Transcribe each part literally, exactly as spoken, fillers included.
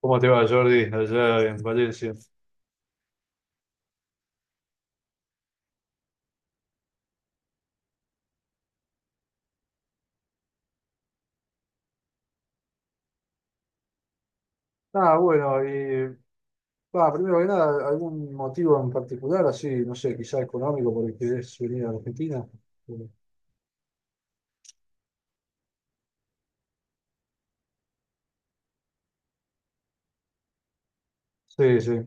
¿Cómo te va, Jordi, allá en Valencia? Ah, bueno, y va, Primero que nada, ¿algún motivo en particular, así, no sé, quizá económico por el que querés venir a Argentina? Sí, sí.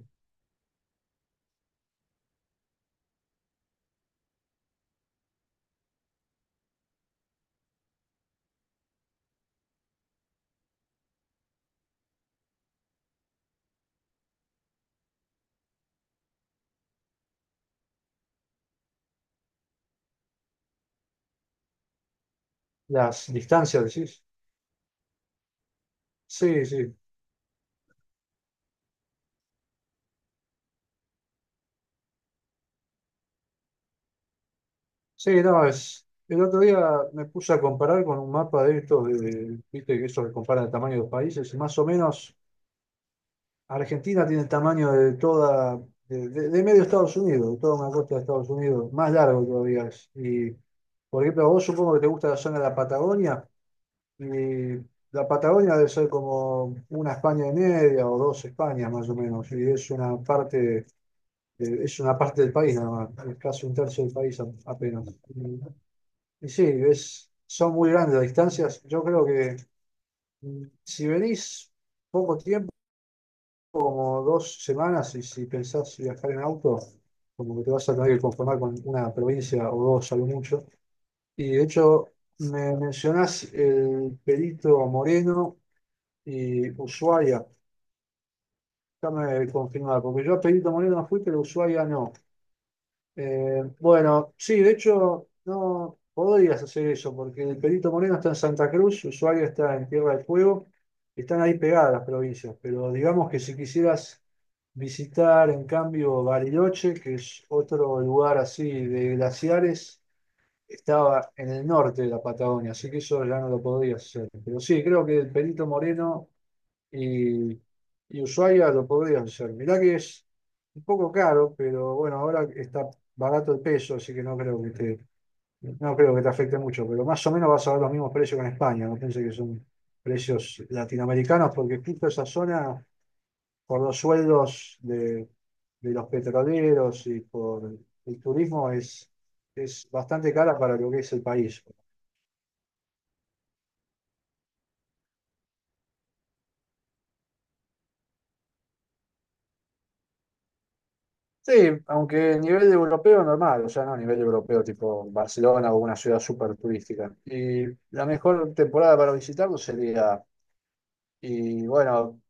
Las distancias, decís. Sí, sí. Sí, no, es. El otro día me puse a comparar con un mapa de estos, de, viste, que eso que compara el tamaño de los países, y más o menos. Argentina tiene el tamaño de toda, de, de- de medio Estados Unidos, de toda una costa de Estados Unidos, más largo todavía es. Y, por ejemplo, a vos supongo que te gusta la zona de la Patagonia, y la Patagonia debe ser como una España y media o dos Españas más o menos, y es una parte, eh, es una parte del país nada más, es casi un tercio del país a- apenas. Y, y sí, es, son muy grandes las distancias. Yo creo que mm, si venís poco tiempo como dos semanas y si pensás viajar en auto, como que te vas a tener que conformar con una provincia o dos a lo mucho. Y de hecho, me mencionás el Perito Moreno y Ushuaia. Déjame confirmar, porque yo a Perito Moreno no fui, pero a Ushuaia no. Eh, bueno, sí, de hecho, no podrías hacer eso, porque el Perito Moreno está en Santa Cruz, Ushuaia está en Tierra del Fuego, están ahí pegadas las provincias, pero digamos que si quisieras visitar, en cambio, Bariloche, que es otro lugar así de glaciares, estaba en el norte de la Patagonia, así que eso ya no lo podrías hacer. Pero sí, creo que el Perito Moreno y, y Ushuaia lo podría hacer. Mirá que es un poco caro, pero bueno, ahora está barato el peso, así que no creo que te, no creo que te afecte mucho, pero más o menos vas a ver los mismos precios que en España, no pienses que son precios latinoamericanos, porque justo esa zona, por los sueldos de, de los petroleros y por el turismo, es, es bastante cara para lo que es el país. Sí, aunque a nivel europeo normal, o sea, no a nivel europeo tipo Barcelona o una ciudad súper turística. Y la mejor temporada para visitarlo sería, y bueno,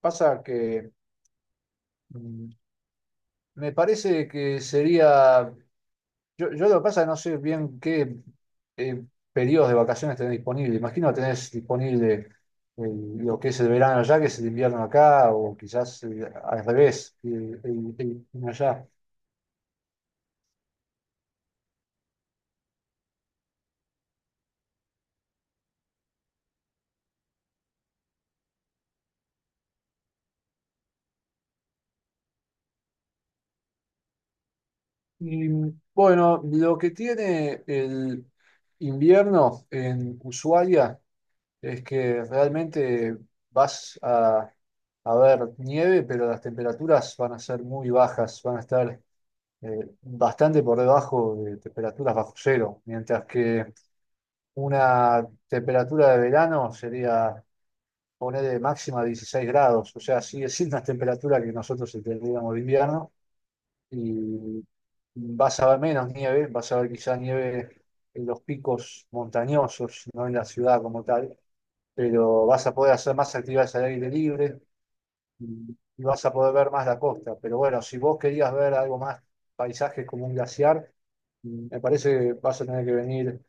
pasa que mm, me parece que sería, yo, yo lo que pasa no sé bien qué eh, periodos de vacaciones tenés disponible. Imagino que tenés disponible el- lo que es el verano allá, que es el invierno acá, o quizás eh, al revés, el, el- el invierno allá. Y bueno, lo que tiene el invierno en Ushuaia es que realmente vas a, a ver nieve, pero las temperaturas van a ser muy bajas, van a estar eh, bastante por debajo de temperaturas bajo cero, mientras que una temperatura de verano sería poner de máxima dieciséis grados, o sea, sigue siendo una temperatura que nosotros entenderíamos de invierno y vas a ver menos nieve, vas a ver quizá nieve en los picos montañosos, no en la ciudad como tal, pero vas a poder hacer más actividades al aire libre y y vas a poder ver más la costa. Pero bueno, si vos querías ver algo más, paisajes como un glaciar, mm, me parece que vas a tener que venir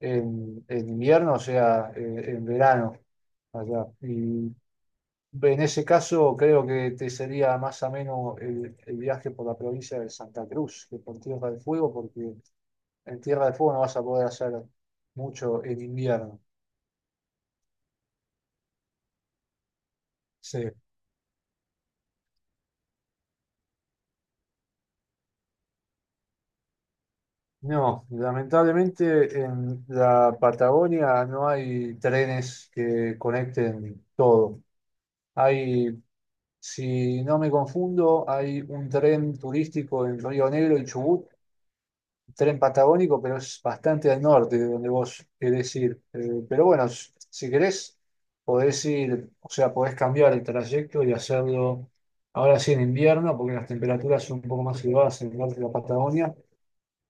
en, en invierno, o sea, eh, en verano allá. Y en ese caso, creo que te sería más ameno el, el viaje por la provincia de Santa Cruz que por Tierra del Fuego, porque en Tierra del Fuego no vas a poder hacer mucho en invierno. Sí. No, lamentablemente en la Patagonia no hay trenes que conecten todo. Hay, si no me confundo, hay un tren turístico en Río Negro y Chubut, tren patagónico, pero es bastante al norte de donde vos querés ir. Eh, pero bueno, s- si querés, podés ir, o sea, podés cambiar el trayecto y hacerlo ahora sí en invierno, porque las temperaturas son un poco más elevadas en el norte de la Patagonia,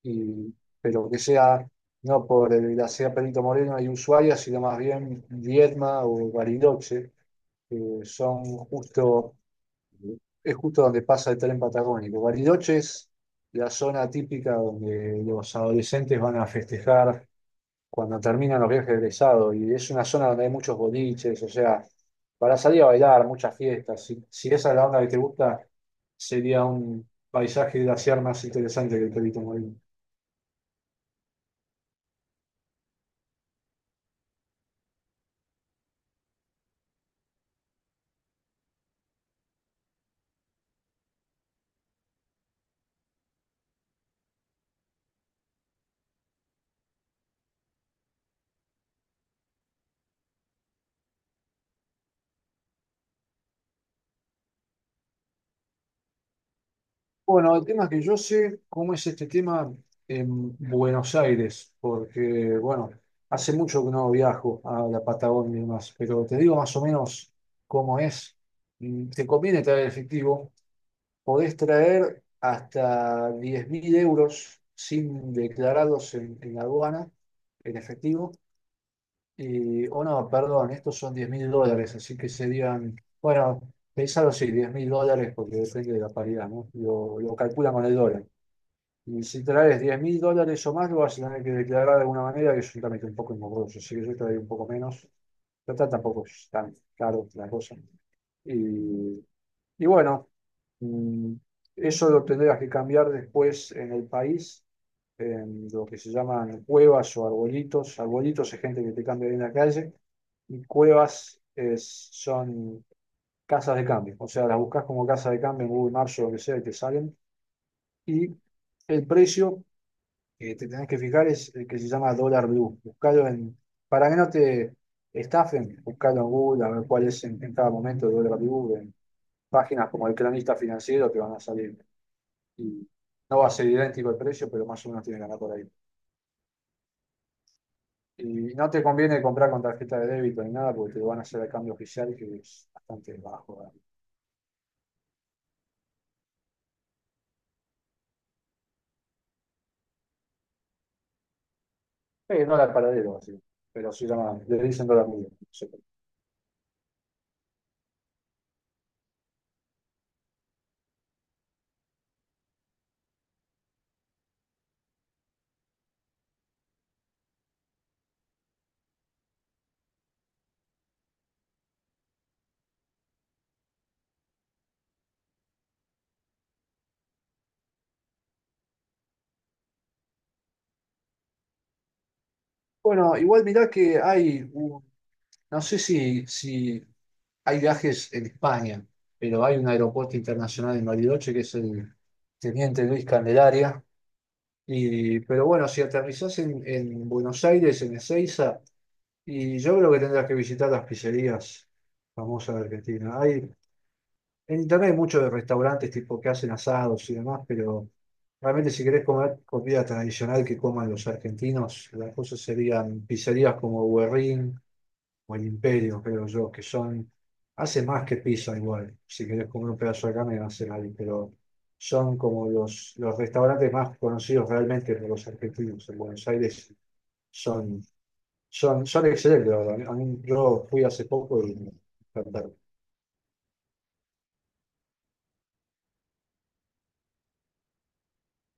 y, pero que sea no por eh, la ciudad Perito Moreno y Ushuaia, sino más bien Viedma o Bariloche, que son justo es justo donde pasa el tren patagónico. Bariloche es la zona típica donde los adolescentes van a festejar cuando terminan los viajes de egresado y es una zona donde hay muchos boliches, o sea, para salir a bailar, muchas fiestas. Si, si esa es la onda que te gusta, sería un paisaje glaciar más interesante que el Perito Moreno. Bueno, el tema es que yo sé cómo es este tema en Buenos Aires, porque, bueno, hace mucho que no viajo a la Patagonia y demás, pero te digo más o menos cómo es. Mm, Te conviene traer efectivo, podés traer hasta diez mil euros sin declararlos en, en la aduana, en efectivo, y, o no, perdón, estos son diez mil dólares, así que serían, bueno, pensalo así, diez mil dólares, porque depende de la paridad, ¿no? Lo, lo calculan con el dólar. Y si traes diez mil dólares o más, lo vas a tener que declarar de alguna manera, que es también estoy un poco engorroso, así que yo traigo un poco menos. Total, tampoco es tan caro la cosa. Y, y bueno, mm, eso lo tendrás que cambiar después en el país, en lo que se llaman cuevas o arbolitos. Arbolitos es gente que te cambia ahí en la calle, y cuevas es- son casas de cambio. O sea, las buscas como casa de cambio en Google Maps o lo que sea y te salen. Y el precio que te tenés que fijar es el que se llama Dólar Blue. Buscalo en, para que no te estafen, buscalo en Google a ver cuál es en, en cada momento Dólar Blue, en páginas como el cronista financiero te van a salir. Y no va a ser idéntico el precio, pero más o menos tiene que andar por ahí. Y no te conviene comprar con tarjeta de débito ni nada, porque te lo van a hacer el cambio oficial, que es bastante bajo. ¿Verdad? Eh, no la paradero, así. Pero se llama, le dicen Dólar Blue. No sé. Bueno, igual mirá que hay un, no sé si, si hay viajes en España, pero hay un aeropuerto internacional en Bariloche que es el Teniente Luis Candelaria. Y, pero bueno, si aterrizás en, en Buenos Aires, en Ezeiza, y yo creo que tendrás que visitar las pizzerías famosas de Argentina. Hay, en internet hay muchos de restaurantes tipo que hacen asados y demás, pero realmente si querés comer comida tradicional que coman los argentinos, las cosas serían pizzerías como Guerrín o el Imperio, creo yo, que son, hace más que pizza igual, si querés comer un pedazo de carne hace ahí, pero son como los, los restaurantes más conocidos realmente por los argentinos en Buenos Aires, son, son, son excelentes, la verdad. A mí- yo fui hace poco y me encantaron.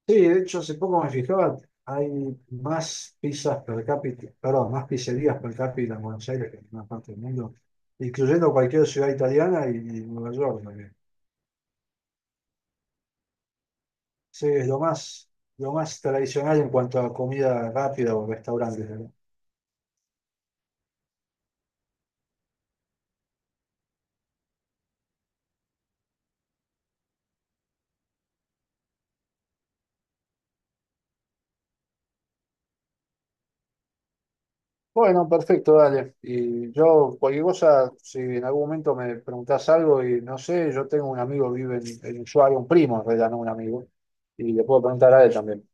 Sí, de hecho hace poco me fijaba, hay más pizzas per cápita, perdón, más pizzerías per cápita en Buenos Aires que en ninguna parte del mundo, incluyendo cualquier ciudad italiana y, y Nueva York. Sí, es lo más, lo más tradicional en cuanto a comida rápida o restaurantes, ¿verdad? Bueno, perfecto, dale. Y yo, cualquier cosa, si en algún momento me preguntás algo y no sé, yo tengo un amigo que vive en, en Ushuaia, un primo, en realidad, no un amigo, y le puedo preguntar a él también.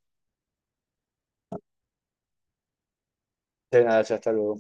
De nada, ya hasta luego.